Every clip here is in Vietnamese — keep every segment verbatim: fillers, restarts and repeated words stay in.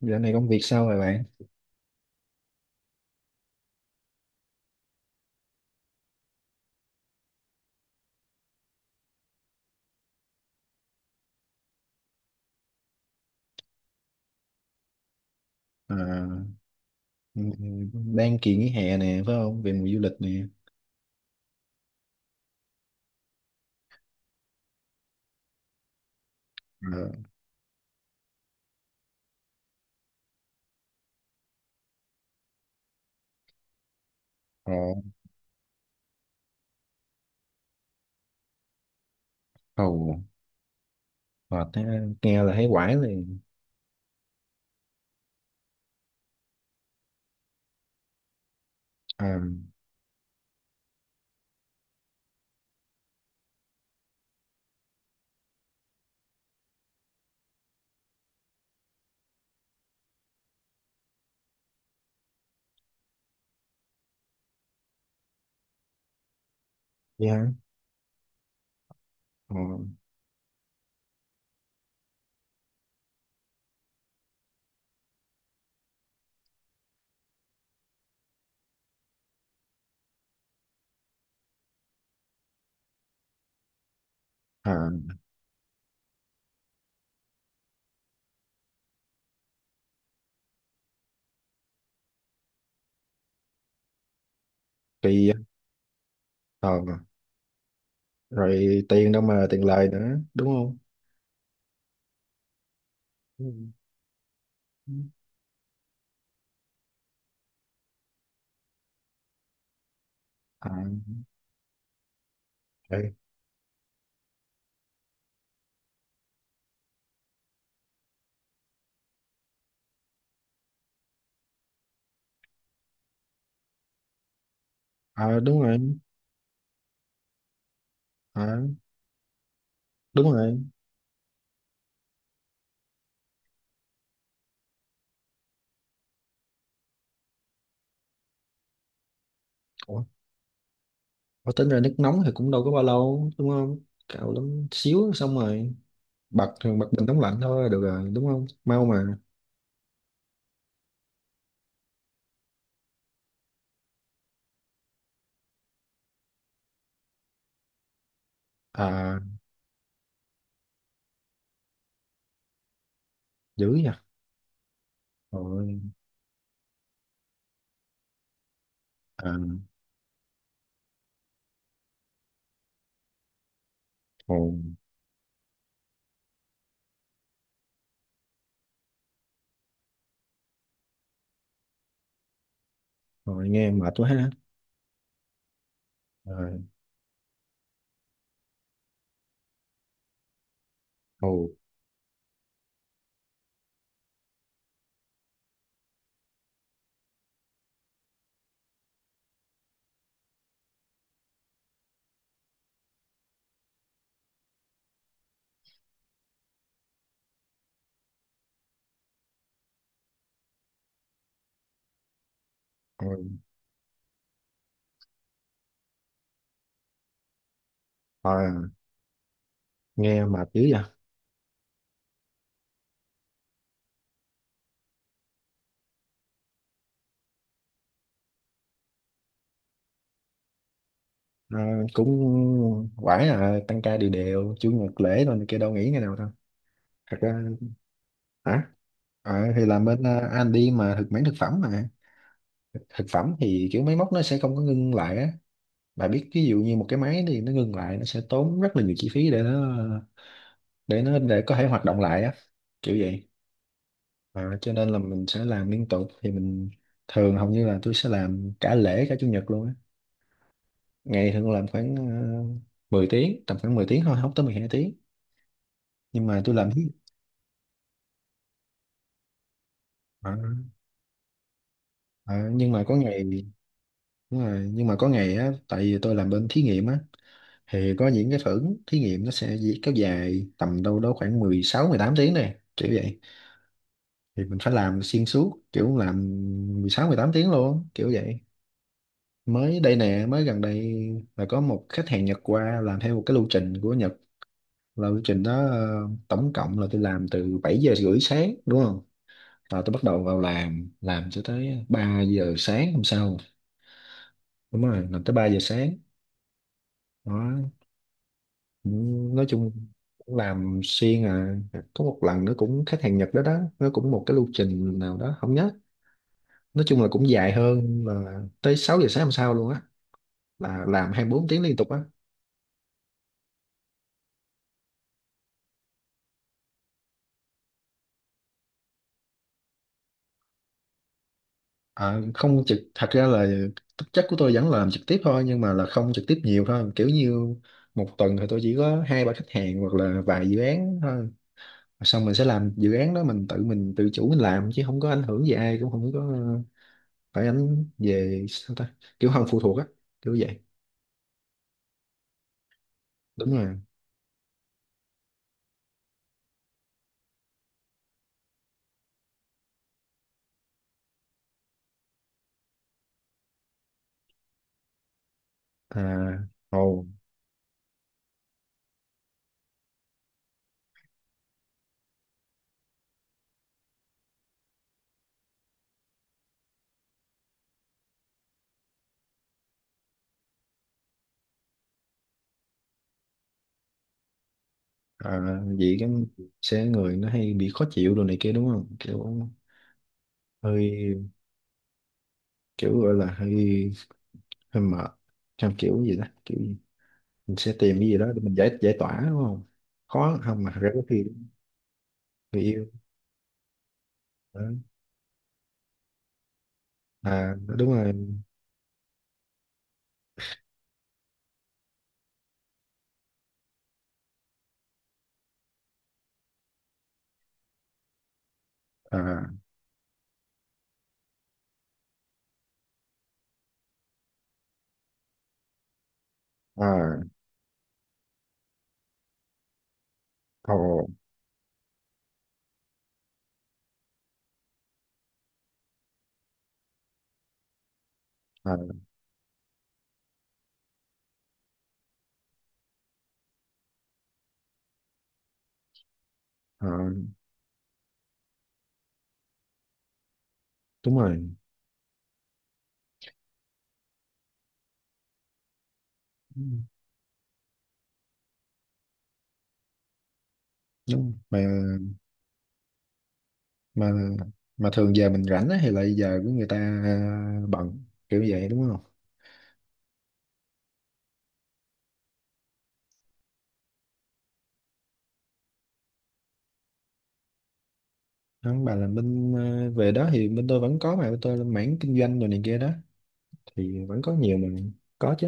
Dạo này công việc sao rồi bạn? À, ừ, đang kỳ nghỉ hè nè, phải không? Về mùa du lịch nè. Ờ. Ờ. Ồ. Ờ, thế, nghe là thấy quải liền. À, vậy hả? Ờ, à, kỳ á. ờ, Rồi tiền đâu mà tiền lời nữa, đúng không? Ừ. À, vậy. À, đúng rồi. À, đúng rồi. Ủa, ủa, tính ra nước nóng thì cũng đâu có bao lâu, đúng không? Cạo lắm xíu xong rồi bật bật bình nóng lạnh thôi là được rồi, đúng không? Mau mà. À, dữ nhỉ. Rồi. À. Hồ. Rồi, nghe mệt quá ha. Rồi. Hồ. Rồi. À, nghe mệt dữ vậy. À, cũng quải, à, tăng ca đều đều chủ nhật lễ rồi này kia, đâu nghỉ ngày nào đâu. Thật ra. Hả? À, thì làm bên, à, anh đi mà thực mảng thực phẩm mà. Thực phẩm thì kiểu máy móc nó sẽ không có ngưng lại á. Bà biết ví dụ như một cái máy thì nó ngưng lại nó sẽ tốn rất là nhiều chi phí để nó, để nó để có thể hoạt động lại á, kiểu vậy. À, cho nên là mình sẽ làm liên tục thì mình thường hầu như là tôi sẽ làm cả lễ cả chủ nhật luôn á. Ngày thường làm khoảng uh, 10 tiếng, tầm khoảng mười tiếng thôi, không tới mười hai tiếng. Nhưng mà tôi làm thí, à, à, nhưng mà có ngày. Đúng rồi, nhưng mà có ngày á, tại vì tôi làm bên thí nghiệm á, thì có những cái thử thí nghiệm nó sẽ dĩ- kéo dài tầm đâu đó khoảng mười sáu mười tám tiếng này, kiểu vậy. Thì mình phải làm xuyên suốt, kiểu làm mười sáu mười tám tiếng luôn, kiểu vậy. Mới đây nè, mới gần đây là có một khách hàng Nhật qua làm theo một cái lưu trình của Nhật, là lưu trình đó ờ, tổng cộng là tôi làm từ bảy giờ rưỡi sáng đúng không, là tôi bắt đầu vào làm làm cho tới ba giờ sáng hôm sau. Đúng rồi, làm tới ba giờ sáng đó. Cũng, nói chung cũng làm xuyên, à, có một lần nữa cũng khách hàng Nhật đó đó, nó cũng một cái lưu trình nào đó không nhớ, nói chung là cũng dài hơn, là tới sáu giờ sáng hôm sau luôn á, là làm hai mươi bốn tiếng liên tục á. À, không trực, thật ra là thực chất của tôi vẫn làm trực tiếp thôi, nhưng mà là không trực tiếp nhiều thôi, kiểu như một tuần thì tôi chỉ có hai ba khách hàng hoặc là vài dự án thôi. Xong mình sẽ làm dự án đó, mình tự mình tự chủ mình làm chứ không có ảnh hưởng gì ai, cũng không có ờ, phải ảnh về sao ta, kiểu không phụ thuộc á, kiểu vậy. Đúng rồi. À. Ồ. À, vậy cái sẽ người nó hay bị khó chịu đồ này kia đúng không, kiểu hơi, kiểu gọi là hơi, hơi mệt trong kiểu gì đó, kiểu mình sẽ tìm cái gì đó để mình giải, giải tỏa đúng không. Khó không mà thật ra có khi người yêu, đó. À, đúng rồi. À. À. Ồ. À. À, đúng rồi. Ừ, đúng mà. mà mà thường giờ mình rảnh á thì lại giờ của người ta, à, bận kiểu vậy đúng không. Không, bà là bên, à, về đó thì bên tôi vẫn có, mà bên tôi là mảng kinh doanh rồi này kia đó, thì vẫn có nhiều mà. Có chứ.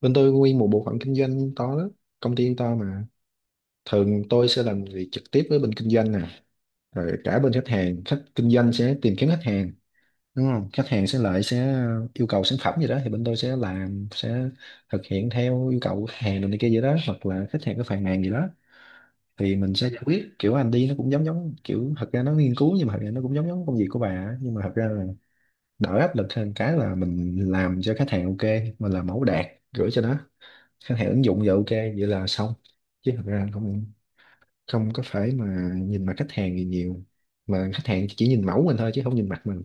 Bên tôi nguyên một bộ phận kinh doanh to lắm, công ty to mà. Thường tôi sẽ làm việc trực tiếp với bên kinh doanh nè, rồi cả bên khách hàng, khách kinh doanh sẽ tìm kiếm khách hàng đúng không, khách hàng sẽ lại sẽ yêu cầu sản phẩm gì đó thì bên tôi sẽ làm, sẽ thực hiện theo yêu cầu của khách hàng rồi này kia gì đó, hoặc là khách hàng có phàn nàn gì đó thì mình sẽ giải quyết, kiểu anh đi nó cũng giống giống, kiểu thật ra nó nghiên cứu, nhưng mà thật ra nó cũng giống giống công việc của bà á. Nhưng mà thật ra là đỡ áp lực hơn, cái là mình làm cho khách hàng ok, mình làm mẫu đạt, gửi cho nó, khách hàng ứng dụng giờ ok vậy là xong. Chứ thật ra không, không có phải mà nhìn mặt khách hàng gì nhiều, mà khách hàng chỉ nhìn mẫu mình thôi chứ không nhìn mặt mình.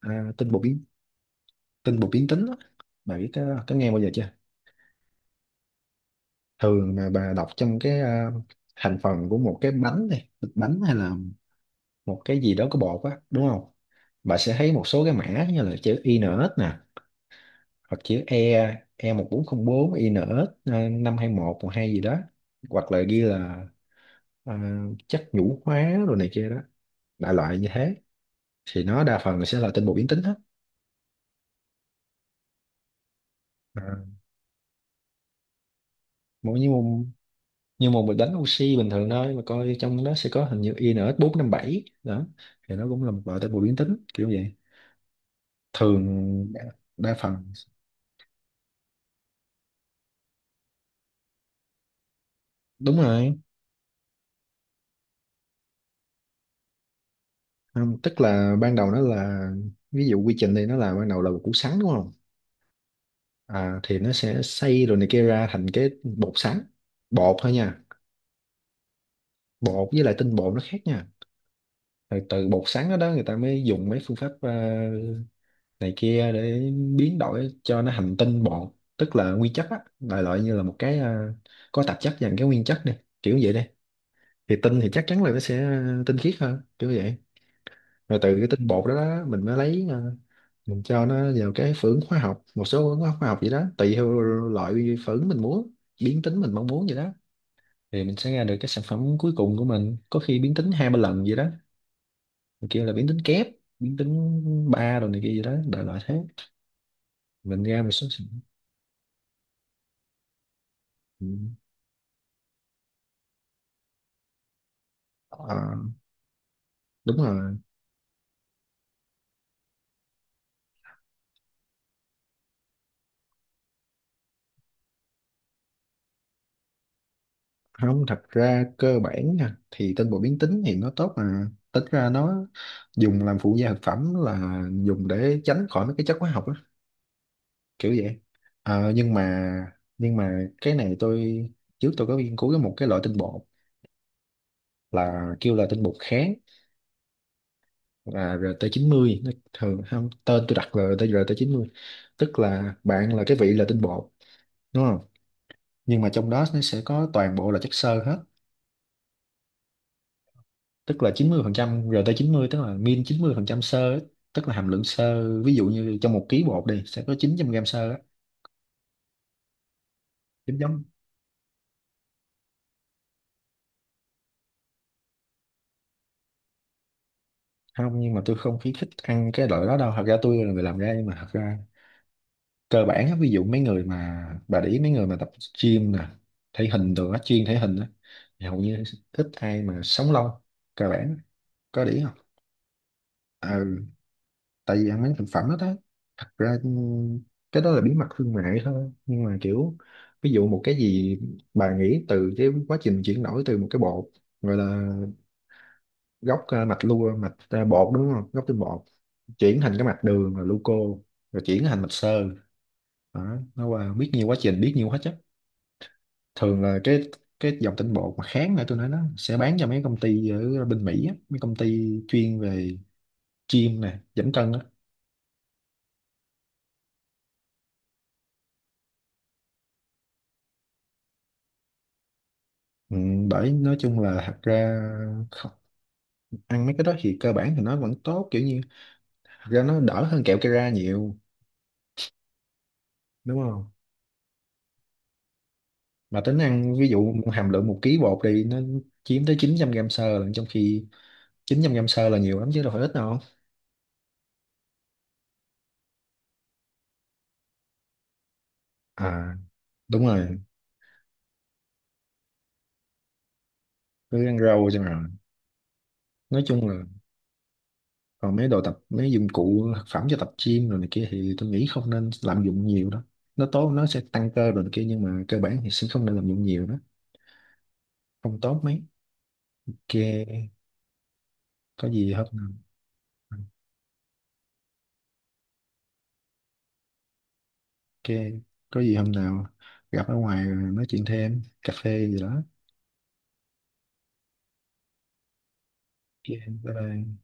À, tin bột biến tin bột biến tính đó. Bà biết có, có nghe bao giờ chưa? Thường mà bà đọc trong cái, à, thành phần của một cái bánh này, thịt bánh hay là một cái gì đó có bột á đúng không, bà sẽ thấy một số cái mã như là chữ i en ét nè, hoặc chữ E, E1404, một bốn không i en ét, à, năm hai một một hai gì đó, hoặc là ghi là, à, chất nhũ hóa rồi này kia đó, đại loại như thế, thì nó đa phần là sẽ là tinh bột biến tính hết. À. Mỗi như một, như một bịch bánh oxy bình thường thôi mà coi trong đó sẽ có hình như i en ích bốn năm bảy đó, thì nó cũng là một loại tế bào biến tính kiểu vậy, thường đa đa phần. Đúng rồi. Không, tức là ban đầu nó là, ví dụ quy trình thì nó là ban đầu là một củ sắn đúng không, à, thì nó sẽ xay rồi này kia ra thành cái bột sắn, bột thôi nha, bột với lại tinh bột nó khác nha. Rồi từ bột sắn đó, đó người ta mới dùng mấy phương pháp ờ, này kia để biến đổi cho nó thành tinh bột, tức là nguyên chất á, đại loại như là một cái ờ, có tạp chất dành cái nguyên chất này, kiểu vậy đi, thì tinh thì chắc chắn là nó sẽ ờ, tinh khiết hơn kiểu vậy. Rồi từ cái tinh bột đó, đó mình mới lấy, ờ, mình cho nó vào cái phưởng hóa học, một số phưởng hóa học vậy đó, tùy theo loại phưởng mình muốn biến tính mình mong muốn vậy đó, thì mình sẽ ra được cái sản phẩm cuối cùng của mình, có khi biến tính hai ba lần vậy đó, mình kêu là biến tính kép, biến tính ba rồi này kia gì đó, đại loại thế, mình ra một số sản phẩm. Ờ, đúng rồi. Không thật ra cơ bản nha, thì tinh bột biến tính thì nó tốt, mà tính ra nó dùng làm phụ gia thực phẩm là dùng để tránh khỏi mấy cái chất hóa học á, kiểu vậy. Ờ, nhưng mà, nhưng mà cái này tôi trước tôi có nghiên cứu cái một cái loại tinh bột, là kêu là tinh bột kháng, là rờ tê chín mươi, nó thường không tên, tôi đặt là rờ tê chín mươi, tức là bạn là cái vị là tinh bột đúng không, nhưng mà trong đó nó sẽ có toàn bộ là chất xơ hết, tức là chín mươi phần trăm chín mươi, tức là min chín mươi phần trăm xơ á, tức là hàm lượng xơ ví dụ như trong một ký bột đi sẽ có chín trăm gram xơ á, giống giống. Không nhưng mà tôi không khuyến khích ăn cái loại đó đâu, thật ra tôi là người làm ra, nhưng mà thật ra cơ bản á, ví dụ mấy người mà bà để ý mấy người mà tập gym nè, thể hình đồ á, chuyên thể hình á, thì hầu như ít ai mà sống lâu, cơ bản á. Có để ý không? Ờ, tại vì ăn mấy thực phẩm đó đó, thật ra ừ, cái đó là bí mật thương mại thôi, nhưng mà kiểu ví dụ một cái gì bà nghĩ từ cái quá trình chuyển đổi từ một cái bột gọi là gốc, ờ, mạch lua mạch ờ, bột đúng không, gốc tinh bột chuyển thành cái mạch đường là gluco, rồi chuyển thành mạch xơ đó, nó qua biết nhiều quá trình, biết nhiều hết á. Thường là cái cái dòng tinh bột mà kháng lại tôi nói nó sẽ bán cho mấy công ty ở bên Mỹ á, mấy công ty chuyên về gym nè, giảm cân á. Ừ, bởi nói chung là thật ra, không, ăn mấy cái đó thì cơ bản thì nó vẫn tốt, kiểu như thật ra nó đỡ hơn kẹo Kera nhiều, đúng không, mà tính ăn ví dụ hàm lượng một ký bột thì nó chiếm tới chín trăm gram xơ lận, trong khi chín trăm gram xơ là nhiều lắm chứ đâu phải ít đâu. À, đúng rồi. Cứ ăn rau cho rồi. Nói chung là còn mấy đồ tập, mấy dụng cụ thực phẩm cho tập gym rồi này kia thì tôi nghĩ không nên lạm dụng nhiều đó, nó tốt, nó sẽ tăng cơ rồi này kia, nhưng mà cơ bản thì sẽ không nên lạm dụng nhiều đó, không tốt mấy. Ok. Có gì không. Ok, có gì hôm nào gặp ở ngoài rồi nói chuyện thêm, cà phê gì đó. Ok, bye bye.